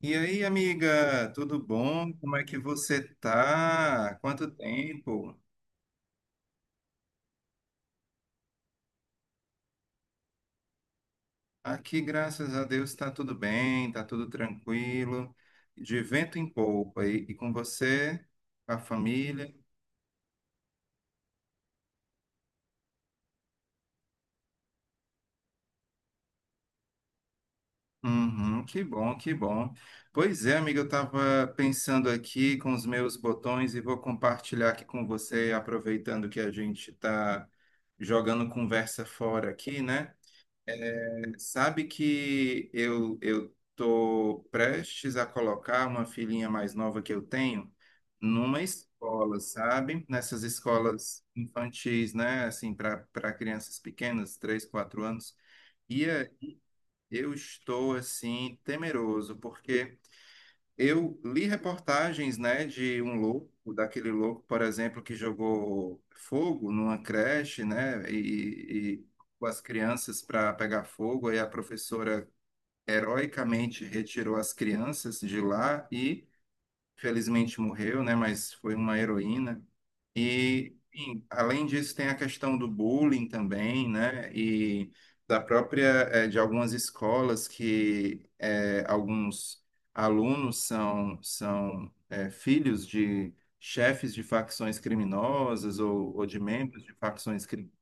E aí, amiga, tudo bom? Como é que você tá? Quanto tempo? Aqui, graças a Deus, está tudo bem, está tudo tranquilo, de vento em polpa. E com você, a família? Uhum, que bom, que bom. Pois é, amiga, eu estava pensando aqui com os meus botões e vou compartilhar aqui com você, aproveitando que a gente está jogando conversa fora aqui, né? Sabe que eu tô prestes a colocar uma filhinha mais nova que eu tenho numa escola, sabe? Nessas escolas infantis, né? Assim, para crianças pequenas, 3 4 anos. E é, eu estou assim temeroso porque eu li reportagens, né, de um louco, daquele louco, por exemplo, que jogou fogo numa creche, né? E com as crianças para pegar fogo, e a professora heroicamente retirou as crianças de lá e, felizmente, morreu, né? Mas foi uma heroína. E, enfim, além disso, tem a questão do bullying também, né? E da própria, de algumas escolas que alguns alunos são, são filhos de chefes de facções criminosas ou de membros de facções criminosas.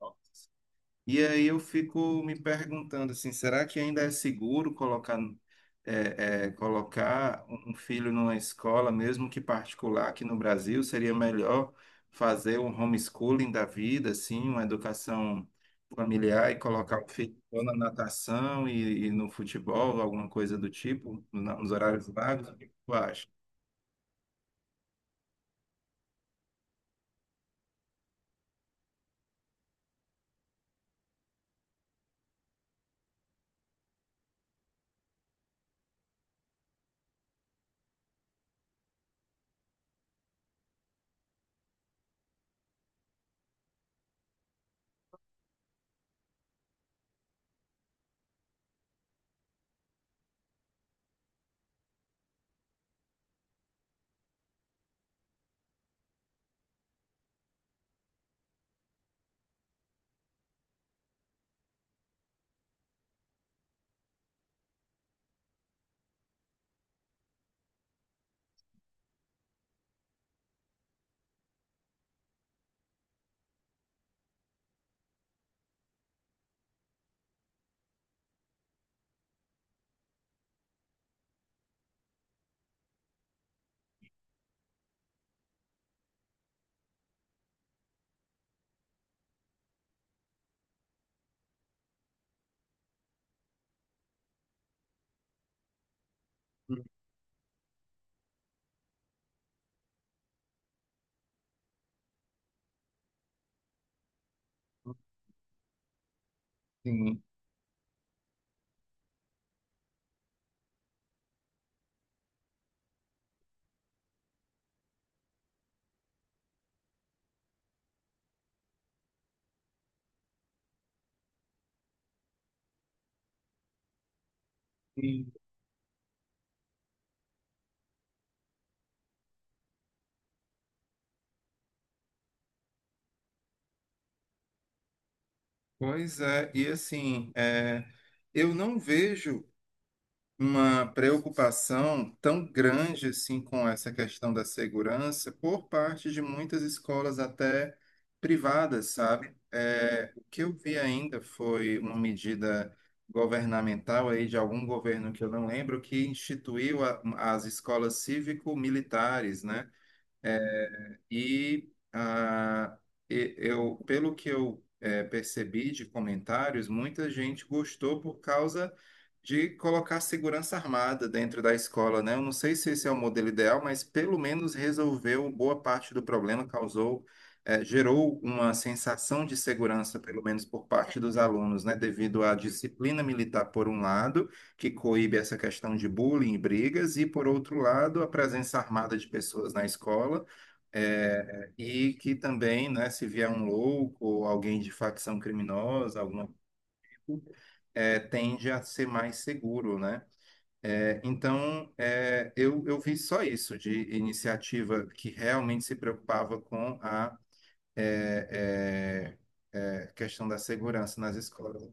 E aí eu fico me perguntando assim, será que ainda é seguro colocar, colocar um filho numa escola, mesmo que particular aqui no Brasil? Seria melhor fazer um homeschooling da vida, assim, uma educação familiar e colocar o filho ou na natação e no futebol, alguma coisa do tipo, nos horários vagos? O que tu acha? Sim, sim. Pois é, e assim, eu não vejo uma preocupação tão grande assim com essa questão da segurança por parte de muitas escolas até privadas, sabe? É, o que eu vi ainda foi uma medida governamental aí de algum governo que eu não lembro que instituiu as escolas cívico-militares, né? E eu, pelo que eu percebi de comentários, muita gente gostou por causa de colocar segurança armada dentro da escola, né? Eu não sei se esse é o modelo ideal, mas pelo menos resolveu boa parte do problema, gerou uma sensação de segurança, pelo menos por parte dos alunos, né? Devido à disciplina militar, por um lado, que coíbe essa questão de bullying e brigas, e por outro lado, a presença armada de pessoas na escola e que também, né, se vier um louco ou alguém de facção criminosa, alguma, tende a ser mais seguro, né? É, então, eu vi só isso de iniciativa que realmente se preocupava com a é, questão da segurança nas escolas.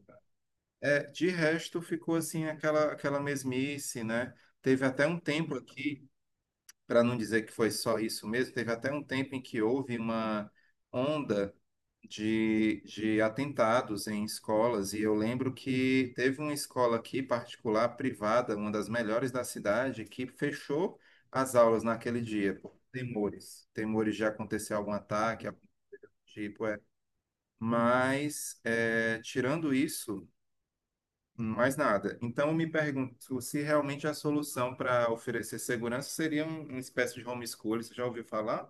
É, de resto, ficou assim aquela mesmice, né? Teve até um tempo aqui, para não dizer que foi só isso mesmo, teve até um tempo em que houve uma onda de atentados em escolas, e eu lembro que teve uma escola aqui particular, privada, uma das melhores da cidade, que fechou as aulas naquele dia, por temores, temores de acontecer algum ataque, algum tipo. Mas, tirando isso, mais nada. Então, eu me pergunto se realmente a solução para oferecer segurança seria uma espécie de homeschooling, você já ouviu falar?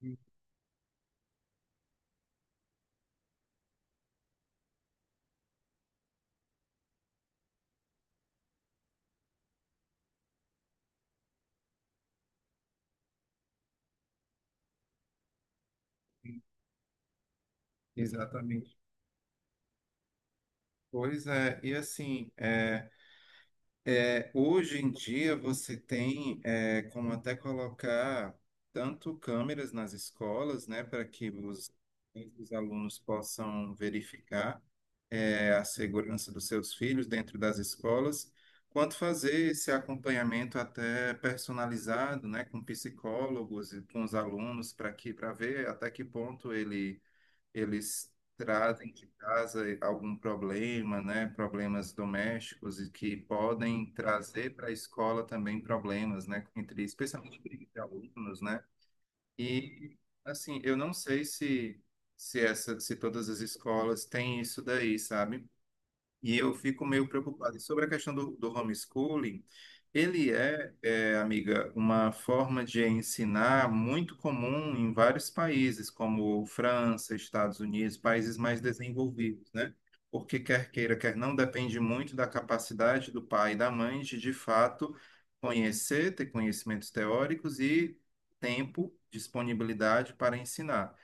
Sim, sim. Exatamente. Pois é, e assim, hoje em dia você tem como até colocar tanto câmeras nas escolas, né, para que os alunos possam verificar a segurança dos seus filhos dentro das escolas, quanto fazer esse acompanhamento até personalizado, né, com psicólogos e com os alunos para ver até que ponto eles trazem de casa algum problema, né? Problemas domésticos e que podem trazer para a escola também problemas, né? Entre, especialmente briga de alunos, né? E, assim, eu não sei se todas as escolas têm isso daí, sabe? E eu fico meio preocupado. E sobre a questão do homeschooling, ele é, amiga, uma forma de ensinar muito comum em vários países, como França, Estados Unidos, países mais desenvolvidos, né? Porque quer queira, quer não, depende muito da capacidade do pai e da mãe de fato, conhecer, ter conhecimentos teóricos e tempo, disponibilidade para ensinar.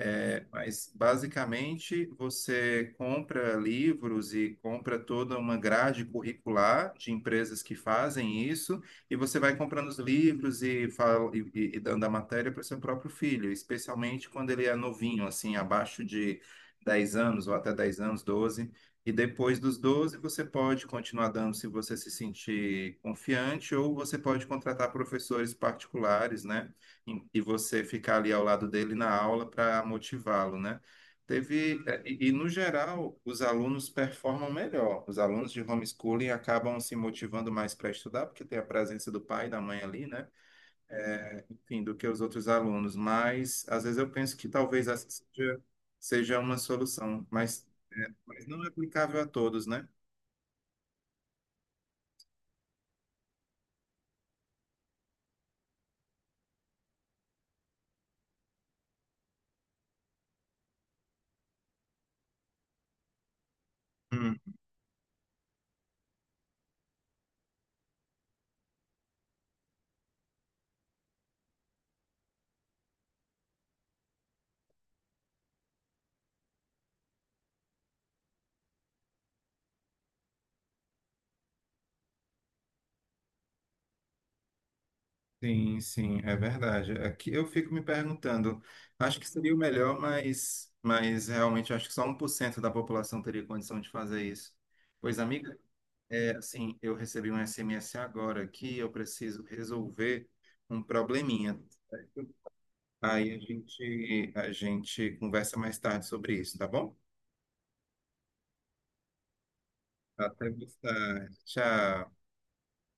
É, mas basicamente você compra livros e compra toda uma grade curricular de empresas que fazem isso, e você vai comprando os livros e, fala, e dando a matéria para o seu próprio filho, especialmente quando ele é novinho, assim, abaixo de 10 anos ou até 10 anos, 12. E depois dos 12 você pode continuar dando se você se sentir confiante, ou você pode contratar professores particulares, né? E você ficar ali ao lado dele na aula para motivá-lo, né? Teve, é, e, No geral, os alunos performam melhor. Os alunos de homeschooling acabam se motivando mais para estudar, porque tem a presença do pai e da mãe ali, né? É, enfim, do que os outros alunos. Mas, às vezes, eu penso que talvez essa seja uma solução, mas, não é aplicável a todos, né? Sim, sim, é verdade. Aqui eu fico me perguntando, acho que seria o melhor, mas realmente acho que só 1% da população teria condição de fazer isso. Pois, amiga, assim, eu recebi um SMS agora que eu preciso resolver um probleminha. Aí a gente conversa mais tarde sobre isso, tá bom? Até mais tarde. Tchau.